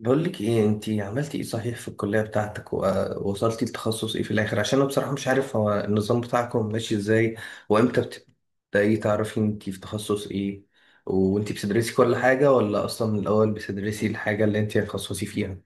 بقول لك ايه، انتي عملتي ايه صحيح في الكلية بتاعتك، ووصلتي لتخصص ايه في الاخر؟ عشان انا بصراحة مش عارف هو النظام بتاعكم ماشي ازاي، وامتى بتبدأي تعرفي انتي في تخصص ايه، وانتي بتدرسي كل حاجة ولا اصلا من الاول بتدرسي الحاجة اللي انتي هتخصصي فيها؟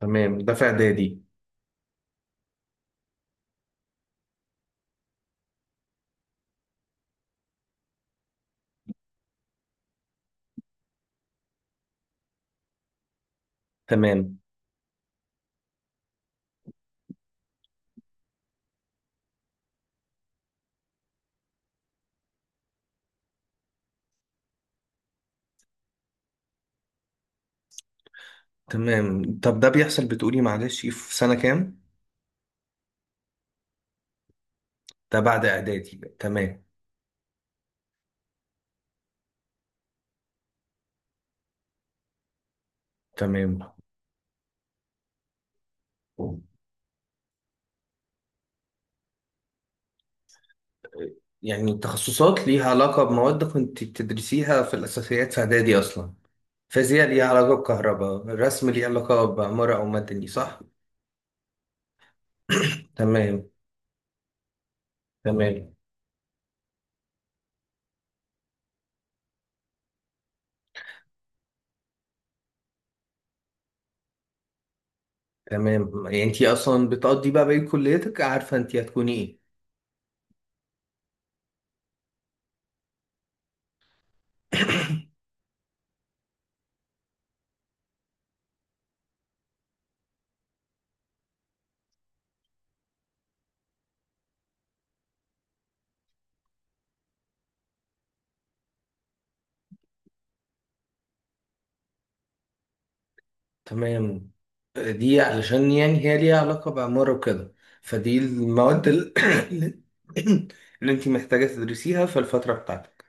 تمام، ده في اعدادي. تمام تمام. طب ده بيحصل بتقولي معلش ايه في سنة كام؟ ده بعد اعدادي. تمام تمام. يعني التخصصات ليها علاقة بمواد كنت بتدرسيها في الأساسيات في إعدادي أصلا، فيزياء ليها علاقة بكهرباء، رسم ليه علاقة بعمارة أو مدني، صح؟ تمام تمام تمام. يعني أنت أصلا بتقضي بقى بقية كليتك عارفة أنت هتكوني إيه. تمام، دي علشان يعني هي ليها علاقة بعمارة وكده، فدي المواد اللي أنت محتاجة تدرسيها في الفترة بتاعتك.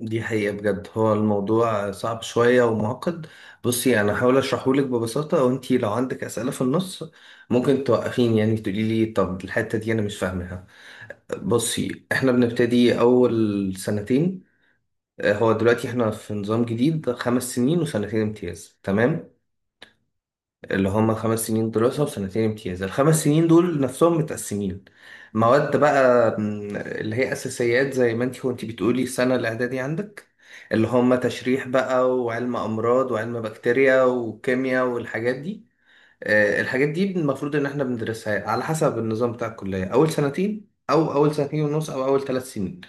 دي حقيقة بجد هو الموضوع صعب شوية ومعقد. بصي، أنا هحاول أشرحهولك ببساطة، وأنتي لو عندك أسئلة في النص ممكن توقفيني، يعني تقولي لي طب الحتة دي أنا مش فاهمها. بصي، إحنا بنبتدي أول سنتين. هو دلوقتي إحنا في نظام جديد، 5 سنين وسنتين امتياز. تمام، اللي هم 5 سنين دراسة وسنتين امتياز. الخمس سنين دول نفسهم متقسمين مواد بقى، اللي هي أساسيات زي ما انتي، وانتي بتقولي السنة الإعدادي عندك، اللي هم تشريح بقى، وعلم أمراض، وعلم بكتيريا، وكيمياء، والحاجات دي. الحاجات دي المفروض إن احنا بندرسها على حسب النظام بتاع الكلية أول سنتين، أو أول سنتين ونص، أو أول 3 سنين.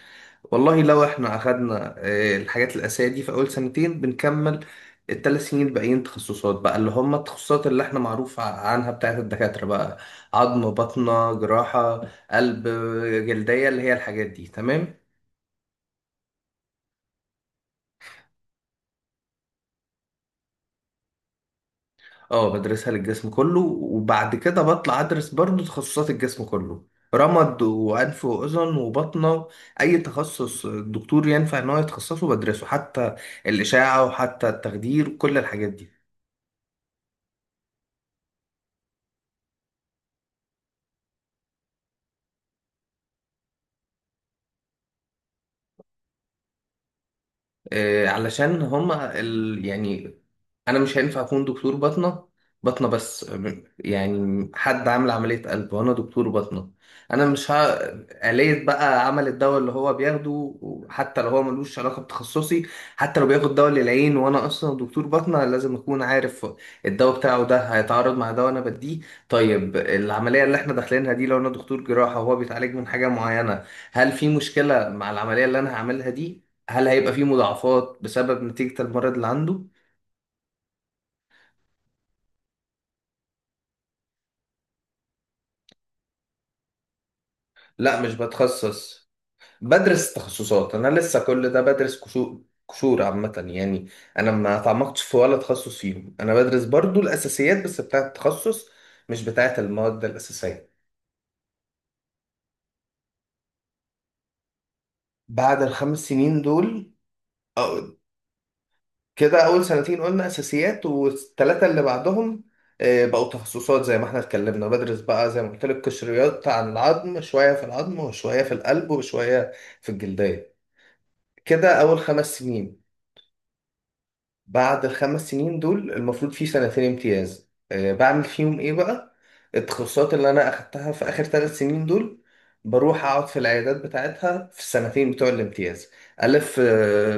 والله لو احنا اخدنا الحاجات الاساسيه دي في اول سنتين، بنكمل ال3 سنين الباقيين تخصصات بقى، اللي هم التخصصات اللي احنا معروف عنها بتاعت الدكاتره بقى. عظم، باطنه، جراحه، قلب، جلديه، اللي هي الحاجات دي. تمام. اه بدرسها للجسم كله، وبعد كده بطلع ادرس برضو تخصصات الجسم كله: رمد، وانف واذن، وبطنه. اي تخصص الدكتور ينفع ان هو يتخصصه بدرسه، حتى الاشاعه، وحتى التخدير، وكل الحاجات دي. علشان هما يعني انا مش هينفع اكون دكتور باطنة، باطنة بس يعني حد عامل عملية قلب وانا دكتور باطنة، انا مش ه... آلية بقى عمل الدواء اللي هو بياخده، حتى لو هو ملوش علاقة بتخصصي، حتى لو بياخد دواء للعين وانا اصلا دكتور باطنة، لازم اكون عارف الدواء بتاعه ده هيتعارض مع دواء انا بديه. طيب، العملية اللي احنا داخلينها دي، لو انا دكتور جراحة وهو بيتعالج من حاجة معينة، هل في مشكلة مع العملية اللي انا هعملها دي؟ هل هيبقى فيه مضاعفات بسبب نتيجة المرض اللي عنده؟ لا، مش بتخصص، بدرس تخصصات. أنا لسه كل ده بدرس قشور عامة يعني، أنا ما تعمقتش في ولا تخصص فيهم. أنا بدرس برضو الأساسيات بس بتاعة التخصص، مش بتاعة المواد الأساسية. بعد الخمس سنين دول، أو- كده أول سنتين قلنا أساسيات، والثلاثة اللي بعدهم بقوا تخصصات زي ما احنا اتكلمنا. بدرس بقى زي ما قلت لك قشريات: عن العظم شوية، في العظم وشوية في القلب وشوية في الجلدية. كده أول 5 سنين. بعد الخمس سنين دول المفروض في سنتين امتياز. بعمل فيهم إيه بقى؟ التخصصات اللي أنا أخدتها في آخر 3 سنين دول، بروح أقعد في العيادات بتاعتها في السنتين بتوع الامتياز. ألف آه،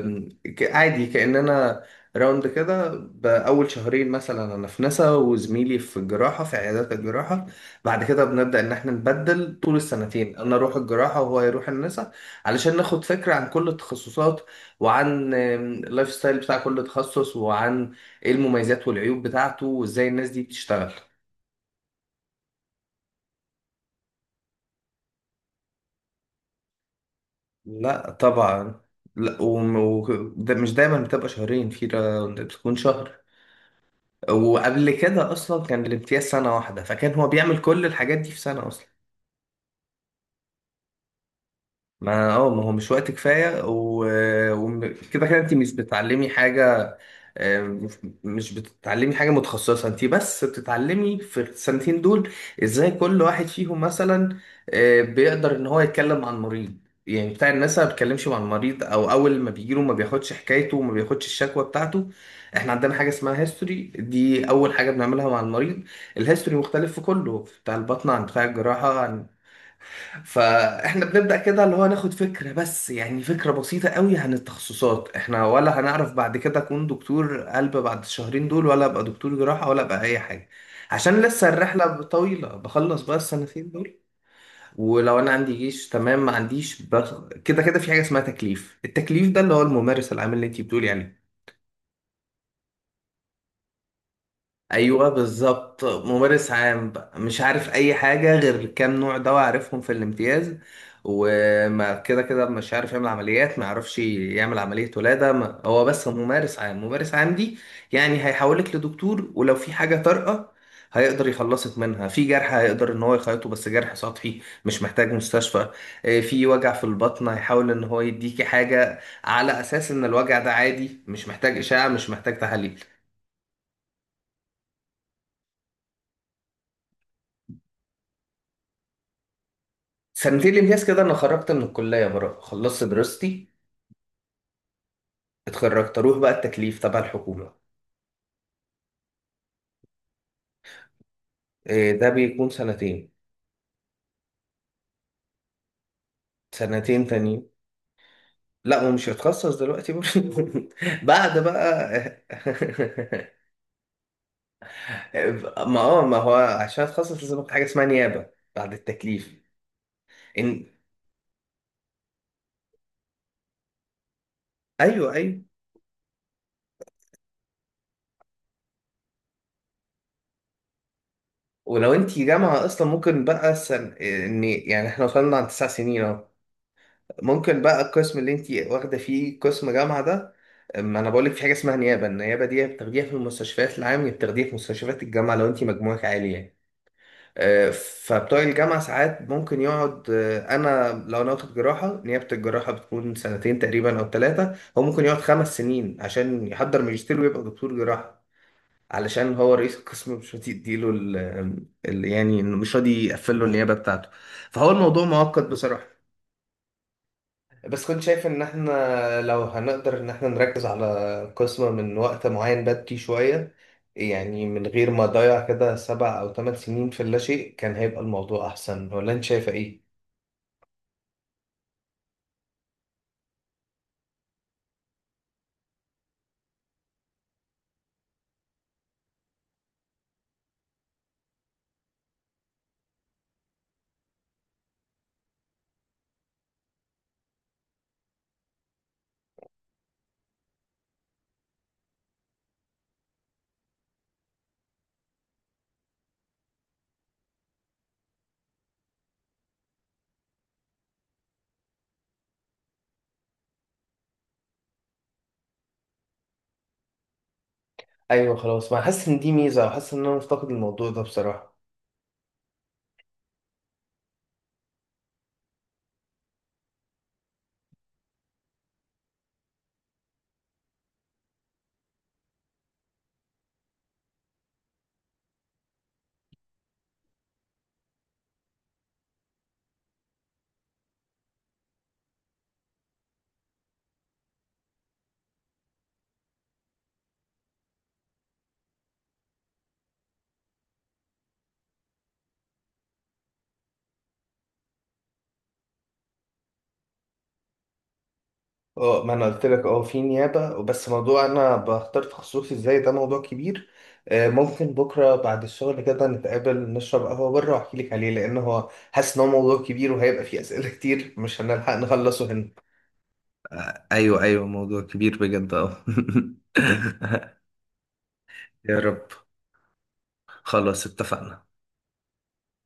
عادي كأننا راوند كده. بأول شهرين مثلا أنا في نسا، وزميلي في الجراحة في عيادات الجراحة. بعد كده بنبدأ إن إحنا نبدل طول السنتين، أنا أروح الجراحة وهو يروح النسا، علشان ناخد فكرة عن كل التخصصات، وعن اللايف ستايل بتاع كل تخصص، وعن ايه المميزات والعيوب بتاعته، وازاي الناس دي بتشتغل. لا طبعا، لا وم- و... ده مش دايما بتبقى شهرين، في بتكون شهر. وقبل كده اصلا كان الامتياز سنة واحدة، فكان هو بيعمل كل الحاجات دي في سنة اصلا. ما هو مش وقت كفاية وكده. كده كده انت مش بتعلمي حاجة، مش مش بتتعلمي حاجة متخصصة. انت بس بتتعلمي في السنتين دول ازاي كل واحد فيهم مثلا بيقدر ان هو يتكلم مع المريض. يعني بتاع الناس ما بيتكلمش مع المريض، او اول ما بيجيله ما بياخدش حكايته وما بياخدش الشكوى بتاعته. احنا عندنا حاجة اسمها هيستوري، دي اول حاجة بنعملها مع المريض. الهيستوري مختلف في كله، بتاع البطن عن بتاع الجراحة. فاحنا بنبدأ كده اللي هو ناخد فكرة بس، يعني فكرة بسيطة قوي عن التخصصات احنا، ولا هنعرف بعد كده اكون دكتور قلب بعد الشهرين دول، ولا ابقى دكتور جراحة، ولا ابقى اي حاجة. عشان لسه الرحلة طويلة. بخلص بقى السنتين دول، ولو انا عندي جيش تمام ما عنديش كده كده في حاجة اسمها تكليف. التكليف ده اللي هو الممارس العام اللي انتي بتقولي عليه. ايوه بالظبط، ممارس عام بقى مش عارف اي حاجه غير كام نوع دواء عارفهم في الامتياز. وما كده كده مش عارف يعمل عمليات، ما يعرفش يعمل عمليه ولاده، ما هو بس ممارس عام. ممارس عام دي يعني هيحولك لدكتور، ولو في حاجه طارئه هيقدر يخلصك منها، في جرح هيقدر ان هو يخيطه، بس جرح سطحي مش محتاج مستشفى. في وجع في البطن هيحاول ان هو يديكي حاجه على اساس ان الوجع ده عادي مش محتاج اشعه مش محتاج تحاليل. سنتين الامتياز كده انا خرجت من الكليه بره، خلصت دراستي، اتخرجت، اروح بقى التكليف تبع الحكومه. إيه ده؟ بيكون سنتين. سنتين تانيين. لا، ومش هتخصص دلوقتي برضه بعد بقى. ما هو عشان اتخصص لازم أخد حاجه اسمها نيابه بعد التكليف. ان ايوه، ايوه. ولو انت جامعه اصلا، ممكن بقى سن... ان يعني احنا وصلنا عن 9 سنين اهو. ممكن بقى القسم اللي انت واخده فيه قسم جامعه ده. ما انا بقول لك في حاجه اسمها نيابه. النيابه دي بتاخديها في المستشفيات العام، يا بتاخديها في مستشفيات الجامعه لو انت مجموعك عالي يعني. فبتوع الجامعه ساعات ممكن يقعد، انا لو انا واخد جراحه، نيابه الجراحه بتكون سنتين تقريبا او ثلاثه، هو ممكن يقعد 5 سنين عشان يحضر ماجستير ويبقى دكتور جراحه، علشان هو رئيس القسم مش راضي يديله يعني مش راضي يقفل له النيابه بتاعته. فهو الموضوع معقد بصراحه. بس كنت شايف ان احنا لو هنقدر ان احنا نركز على قسم من وقت معين بدري شوية، يعني من غير ما اضيع كده 7 او 8 سنين في اللاشيء، كان هيبقى الموضوع احسن، ولا انت شايفة ايه؟ ايوه خلاص، ما حاسس ان دي ميزة، وحاسس ان انا مفتقد الموضوع ده بصراحة. اه، ما انا قلت لك اه في نيابة. بس موضوع انا بختار تخصصي ازاي، ده موضوع كبير. ممكن بكرة بعد الشغل كده نتقابل نشرب قهوة بره واحكي لك عليه، لان هو حاسس ان هو موضوع كبير وهيبقى فيه اسئلة كتير مش هنلحق نخلصه هنا. ايوه، موضوع كبير بجد اه. يا رب. خلاص، اتفقنا.